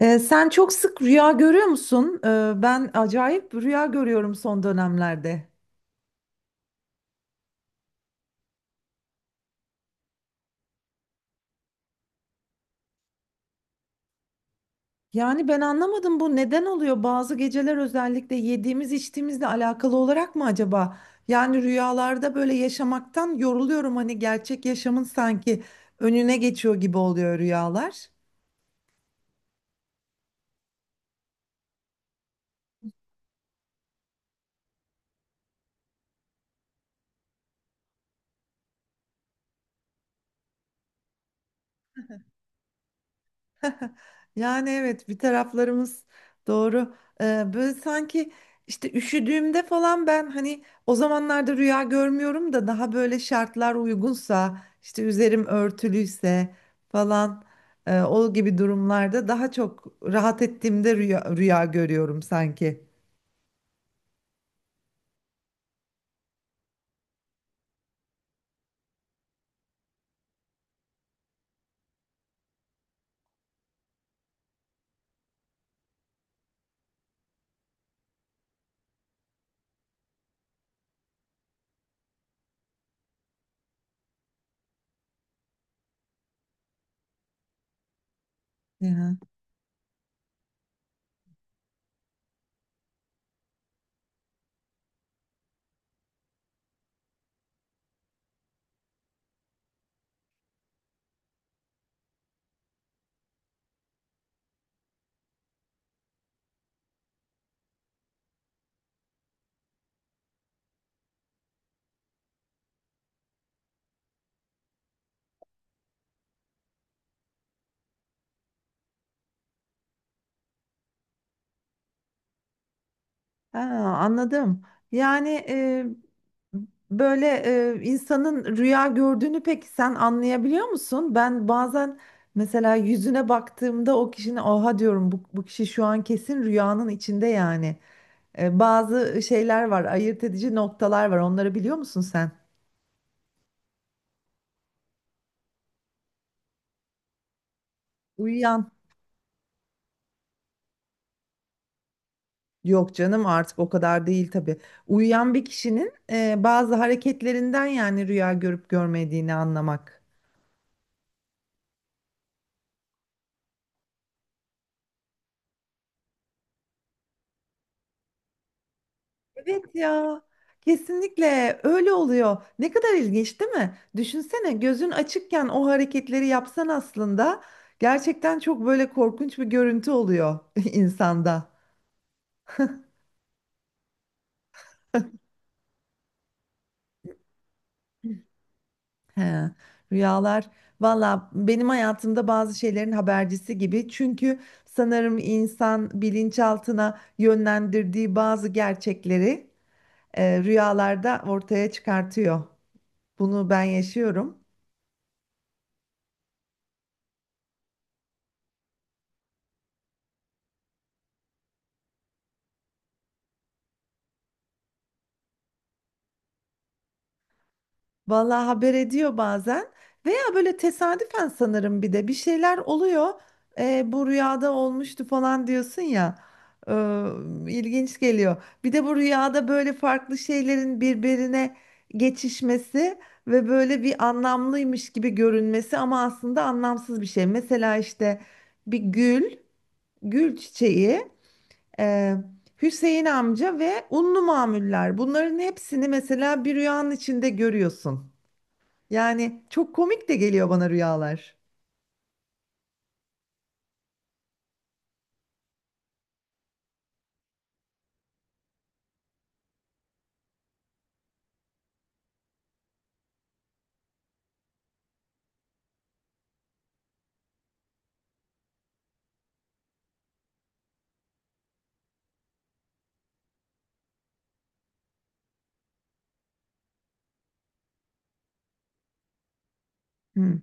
Sen çok sık rüya görüyor musun? Ben acayip rüya görüyorum son dönemlerde. Yani ben anlamadım, bu neden oluyor? Bazı geceler özellikle yediğimiz içtiğimizle alakalı olarak mı acaba? Yani rüyalarda böyle yaşamaktan yoruluyorum, hani gerçek yaşamın sanki önüne geçiyor gibi oluyor rüyalar. Yani evet, bir taraflarımız doğru. Böyle sanki işte üşüdüğümde falan ben hani o zamanlarda rüya görmüyorum da daha böyle şartlar uygunsa işte üzerim örtülüyse falan, o gibi durumlarda daha çok rahat ettiğimde rüya görüyorum sanki. Hı hı. Ha, anladım. Yani böyle insanın rüya gördüğünü peki sen anlayabiliyor musun? Ben bazen mesela yüzüne baktığımda o kişinin oha diyorum, bu kişi şu an kesin rüyanın içinde yani. Bazı şeyler var, ayırt edici noktalar var. Onları biliyor musun sen? Uyuyan yok canım, artık o kadar değil tabii. Uyuyan bir kişinin bazı hareketlerinden yani rüya görüp görmediğini anlamak. Evet ya. Kesinlikle öyle oluyor. Ne kadar ilginç değil mi? Düşünsene, gözün açıkken o hareketleri yapsan aslında gerçekten çok böyle korkunç bir görüntü oluyor insanda. He, rüyalar. Valla benim hayatımda bazı şeylerin habercisi gibi. Çünkü sanırım insan bilinçaltına yönlendirdiği bazı gerçekleri rüyalarda ortaya çıkartıyor. Bunu ben yaşıyorum. Vallahi haber ediyor bazen, veya böyle tesadüfen sanırım bir de bir şeyler oluyor. Bu rüyada olmuştu falan diyorsun ya. Ee, ilginç geliyor. Bir de bu rüyada böyle farklı şeylerin birbirine geçişmesi ve böyle bir anlamlıymış gibi görünmesi, ama aslında anlamsız bir şey. Mesela işte bir gül, gül çiçeği, e, Hüseyin amca ve unlu mamuller. Bunların hepsini mesela bir rüyanın içinde görüyorsun. Yani çok komik de geliyor bana rüyalar. Hmm.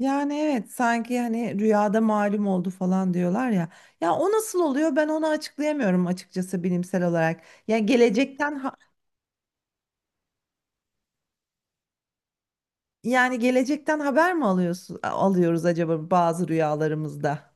Yani evet, sanki hani rüyada malum oldu falan diyorlar ya. Ya o nasıl oluyor, ben onu açıklayamıyorum açıkçası bilimsel olarak. Yani gelecekten ha- Yani gelecekten haber mi alıyorsun, alıyoruz acaba bazı rüyalarımızda?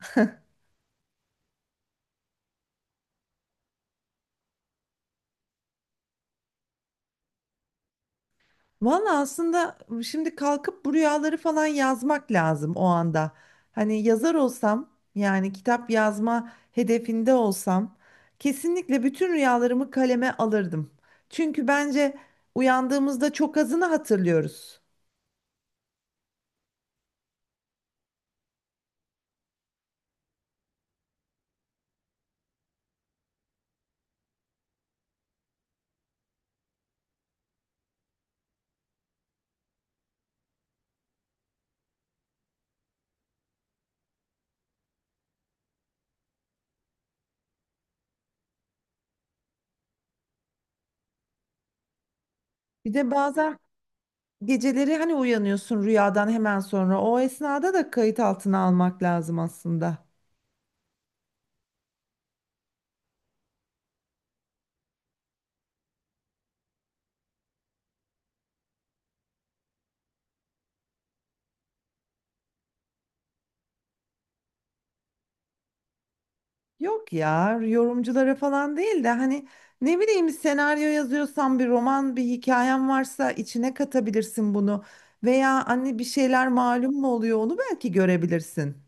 Valla aslında şimdi kalkıp bu rüyaları falan yazmak lazım o anda. Hani yazar olsam, yani kitap yazma hedefinde olsam, kesinlikle bütün rüyalarımı kaleme alırdım. Çünkü bence uyandığımızda çok azını hatırlıyoruz. Bir de bazen geceleri hani uyanıyorsun rüyadan hemen sonra, o esnada da kayıt altına almak lazım aslında. Yok ya, yorumculara falan değil de hani ne bileyim, senaryo yazıyorsan, bir roman bir hikayen varsa içine katabilirsin bunu, veya anne bir şeyler malum mu oluyor onu belki görebilirsin.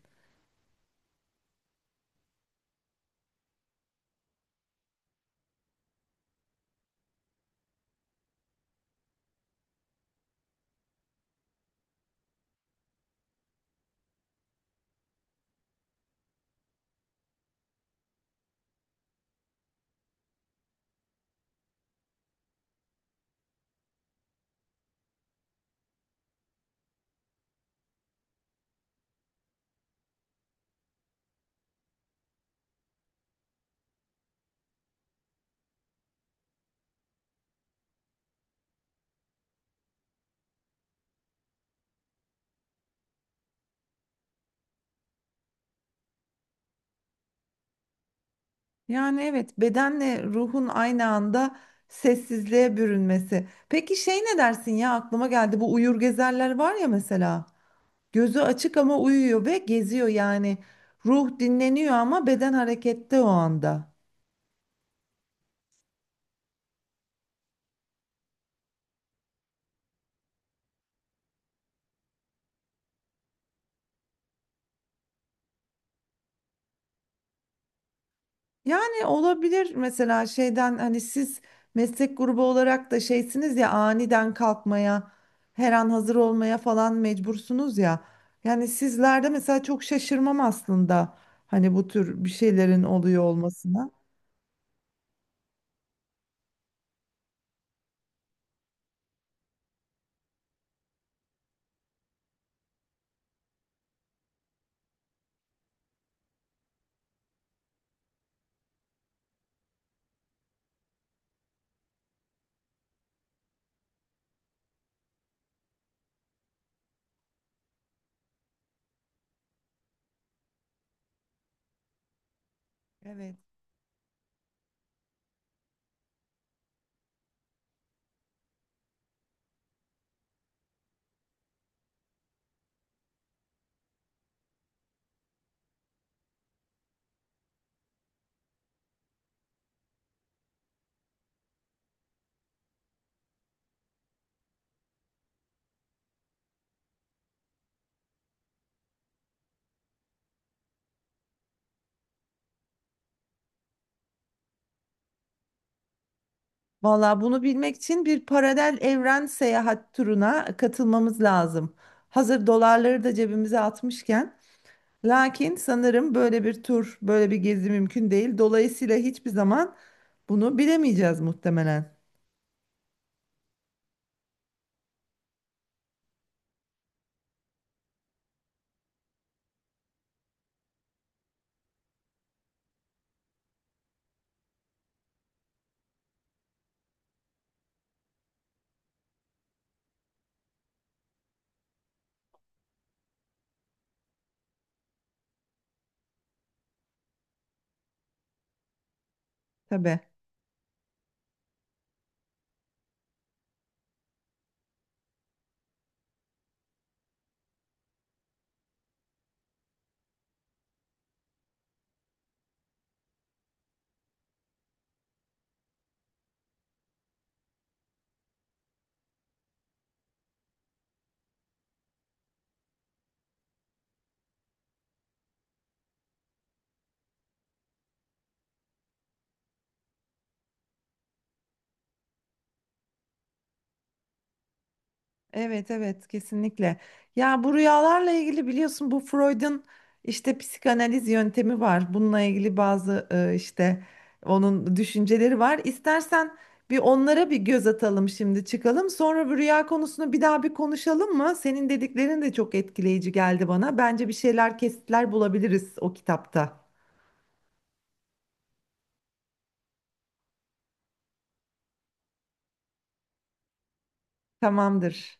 Yani evet, bedenle ruhun aynı anda sessizliğe bürünmesi. Peki şey ne dersin ya, aklıma geldi, bu uyur gezerler var ya mesela, gözü açık ama uyuyor ve geziyor, yani ruh dinleniyor ama beden harekette o anda. Yani olabilir mesela şeyden, hani siz meslek grubu olarak da şeysiniz ya, aniden kalkmaya, her an hazır olmaya falan mecbursunuz ya. Yani sizlerde mesela çok şaşırmam aslında hani bu tür bir şeylerin oluyor olmasına. Evet. Valla bunu bilmek için bir paralel evren seyahat turuna katılmamız lazım. Hazır dolarları da cebimize atmışken. Lakin sanırım böyle bir tur, böyle bir gezi mümkün değil. Dolayısıyla hiçbir zaman bunu bilemeyeceğiz muhtemelen. Tabii. Evet, evet, kesinlikle. Ya bu rüyalarla ilgili biliyorsun, bu Freud'un işte psikanaliz yöntemi var. Bununla ilgili bazı işte onun düşünceleri var. İstersen bir onlara bir göz atalım şimdi, çıkalım. Sonra bu rüya konusunu bir daha bir konuşalım mı? Senin dediklerin de çok etkileyici geldi bana. Bence bir şeyler, kesitler bulabiliriz o kitapta. Tamamdır.